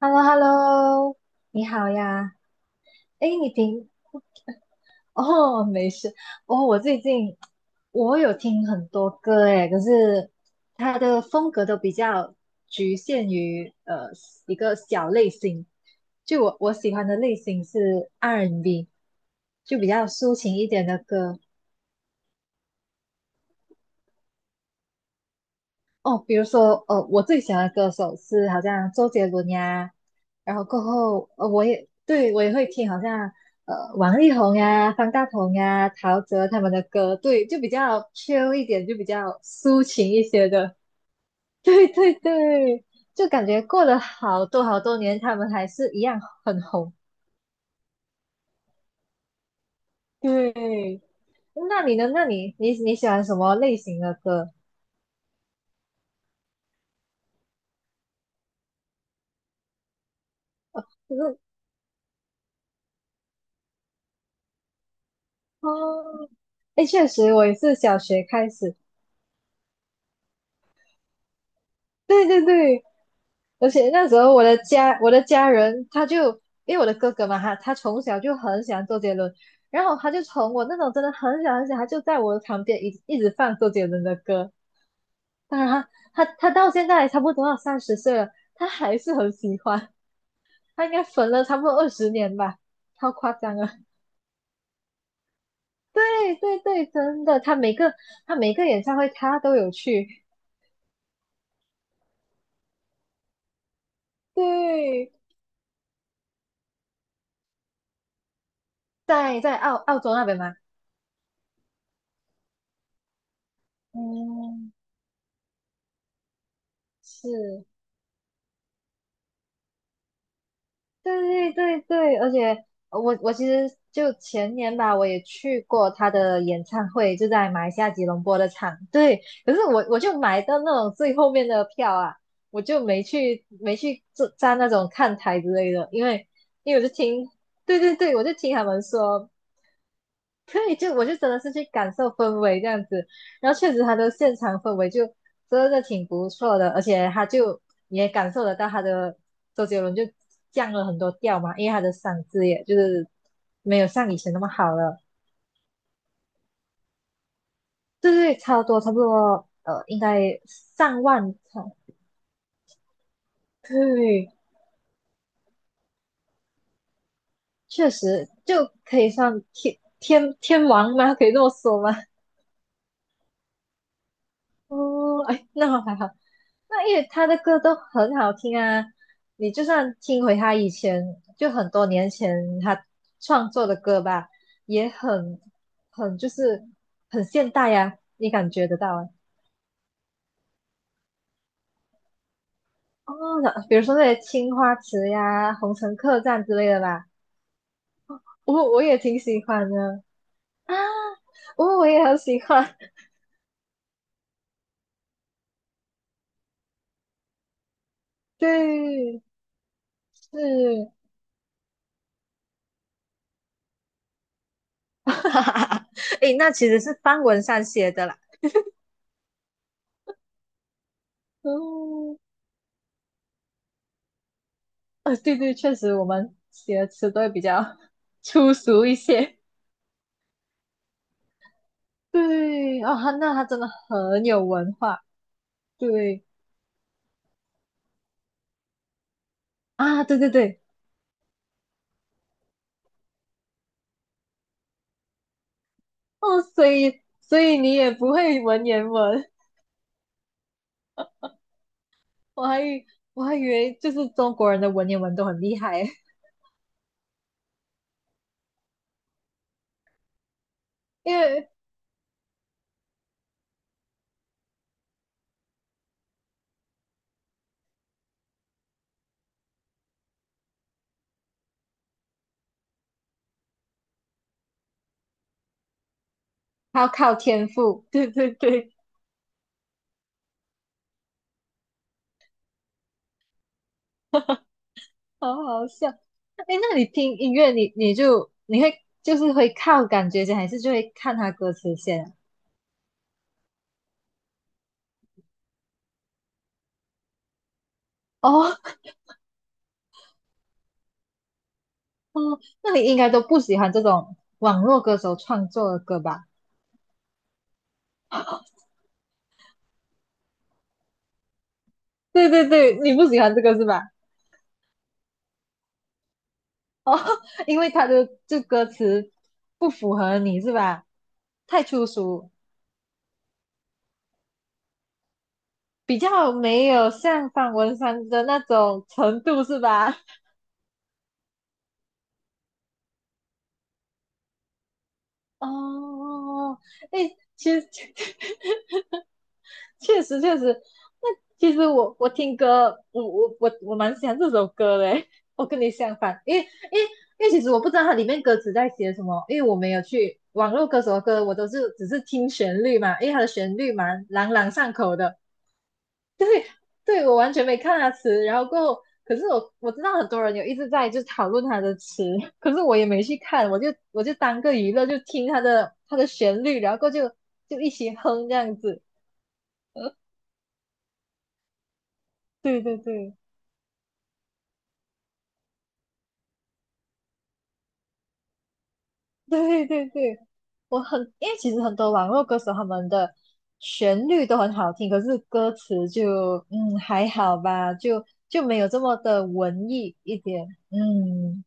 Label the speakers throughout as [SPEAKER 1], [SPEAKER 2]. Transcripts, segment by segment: [SPEAKER 1] Hello hello 你好呀。哎，哦，没事哦。我最近我有听很多歌诶，可是它的风格都比较局限于一个小类型。就我喜欢的类型是 R&B，就比较抒情一点的歌。哦，比如说，我最喜欢的歌手是好像周杰伦呀。然后过后，我也会听好像王力宏呀、方大同呀、陶喆他们的歌。对，就比较 chill 一点，就比较抒情一些的。对对对，就感觉过了好多好多年，他们还是一样很红。对。那你呢？那你喜欢什么类型的歌？就是哦。哎，确实，我也是小学开始，对对对。而且那时候我的家人他就因为我的哥哥嘛，他从小就很喜欢周杰伦，然后他就从我那种真的很小很小，他就在我的旁边一直放周杰伦的歌。当然他到现在差不多要三十岁了，他还是很喜欢，他应该粉了差不多二十年吧，超夸张啊！对对对，真的，他每个演唱会他都有去。对，在澳洲那边嘛。嗯，是。对对对，而且我其实就前年吧，我也去过他的演唱会，就在马来西亚吉隆坡的场。对，可是我就买到那种最后面的票啊，我就没去坐站那种看台之类的，因为我就听，对对对，我就听他们说。对，就我就真的是去感受氛围这样子。然后确实他的现场氛围就真的挺不错的，而且你也感受得到周杰伦就降了很多调嘛，因为他的嗓子也就是没有像以前那么好了。对对，差不多差不多，应该上万场。对，确实就可以算天王吗？可以这么说吗？哦。哎，那还好，那因为他的歌都很好听啊。你就算听回他以前就很多年前他创作的歌吧，也很就是很现代呀、你感觉得到啊。哦，那比如说那些《青花瓷》呀、《红尘客栈》之类的吧。我也挺喜欢的啊，我也很喜欢，对，是。哈哈哈诶，那其实是方文山写的啦。哦对对，确实我们写的词都会比较 粗俗一些。对，哦，他那他真的很有文化。对啊，对对对。哦，所以你也不会文言文，我还以我还以为就是中国人的文言文都很厉害。因为他要靠天赋。对对对，好好笑。哎，那你听音乐，你就是会靠感觉先，还是就会看他歌词先啊。哦。哦，那你应该都不喜欢这种网络歌手创作的歌吧？对对对，你不喜欢这个是吧？哦，因为他的这歌词不符合你是吧？太粗俗，比较没有像方文山的那种程度是吧？哦，诶，其实 确实确实。那其实我听歌，我蛮喜欢这首歌的欸，我跟你相反，因为其实我不知道它里面歌词在写什么，因为我没有去网络歌手的歌，我都是只是听旋律嘛，因为它的旋律蛮朗朗上口的。对对，我完全没看它词，然后过后。可是我知道很多人有一直在就讨论它的词，可是我也没去看，我就当个娱乐，就听它的旋律，然后过后就一起哼这样子。对对对，对对对，我很，因为其实很多网络歌手他们的旋律都很好听，可是歌词就还好吧，就没有这么的文艺一点。嗯，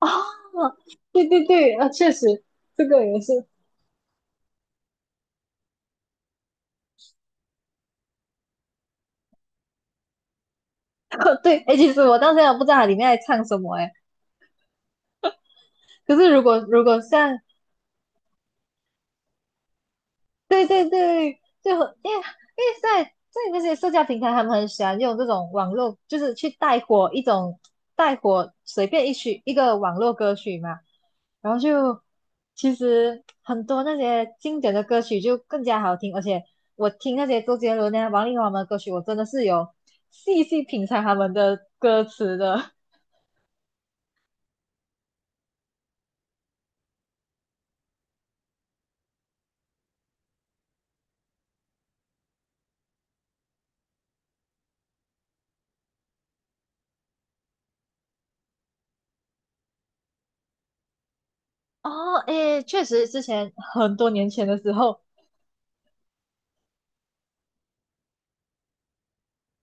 [SPEAKER 1] 哦，对对对，啊，确实这个也是。对，哎，其实我到现在不知道它里面在唱什么。哎，可是如果如果像对对对，就因为在那些社交平台，他们很喜欢用这种网络，就是去带火随便一曲一个网络歌曲嘛，然后就其实很多那些经典的歌曲就更加好听，而且我听那些周杰伦啊、王力宏他们的歌曲，我真的是有细细品尝他们的歌词的。哦，诶，确实，之前很多年前的时候。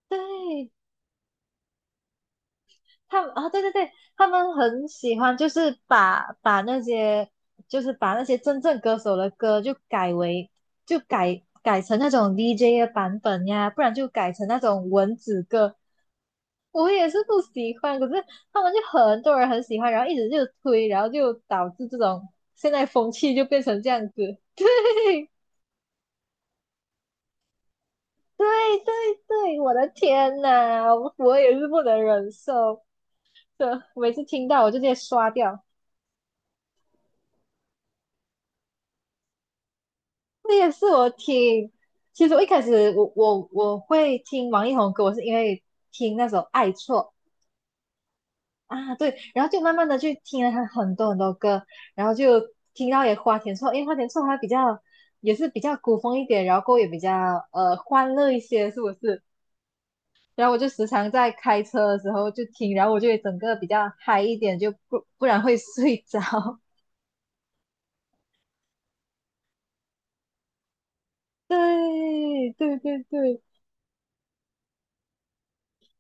[SPEAKER 1] 对，他们啊，对对对，他们很喜欢，就是把那些，就是把那些真正歌手的歌就改为，就改成那种 DJ 的版本呀，不然就改成那种文字歌。我也是不喜欢，可是他们就很多人很喜欢，然后一直就推，然后就导致这种现在风气就变成这样子。对对对对，我的天呐，我也是不能忍受，对，每次听到我就直接刷掉。这也是我听。其实我一开始我会听王力宏歌，我是因为听那首《爱错》啊。对，然后就慢慢的去听了他很多很多歌，然后就听到也花田错，因为花田错他比较也是比较古风一点，然后歌也比较欢乐一些，是不是？然后我就时常在开车的时候就听，然后我就会整个比较嗨一点，就不然会睡着。对对对对，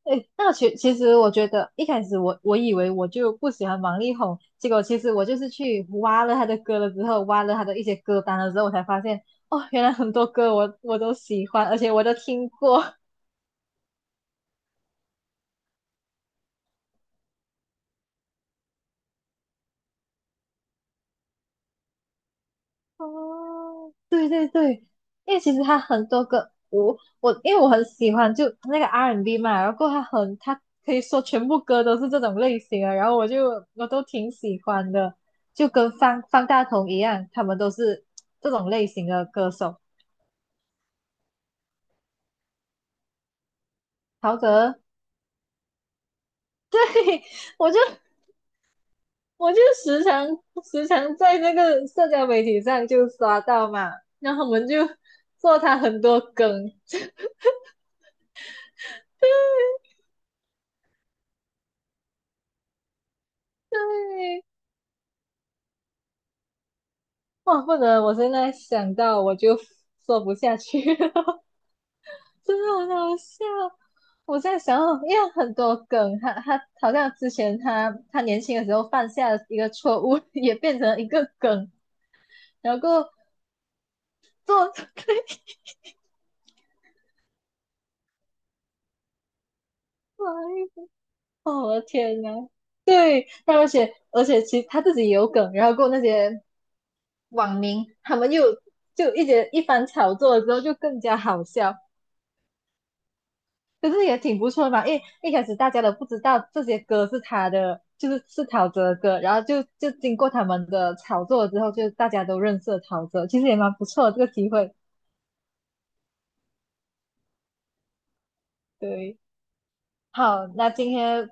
[SPEAKER 1] 对。那个其实我觉得一开始我以为我就不喜欢王力宏，结果其实我就是去挖了他的歌了之后，挖了他的一些歌单了之后，我才发现哦，原来很多歌我都喜欢，而且我都听过。哦，对对对，因为其实他很多歌，我因为我很喜欢就那个 R&B and B 嘛，然后他可以说全部歌都是这种类型的，然后我都挺喜欢的，就跟方大同一样，他们都是这种类型的歌手。陶喆，对，我就我就时常在那个社交媒体上就刷到嘛，然后我们就做他很多梗，对。哇，不能，我现在想到我就说不下去了，真的很好笑。我在想哦，因为很多梗，他好像之前他年轻的时候犯下的一个错误，也变成一个梗，然后做 对。哎呦我的天呐，对，而且其实他自己也有梗，然后过那些网民他们又就一番炒作了之后就更加好笑，可是也挺不错的嘛，因为一开始大家都不知道这些歌是他的，就是陶喆的歌，然后就经过他们的炒作之后，就大家都认识了陶喆，其实也蛮不错的这个机会。对，好，那今天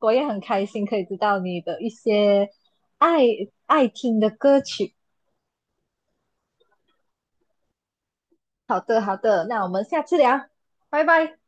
[SPEAKER 1] 我也很开心可以知道你的一些爱爱听的歌曲。好的，好的，那我们下次聊，拜拜。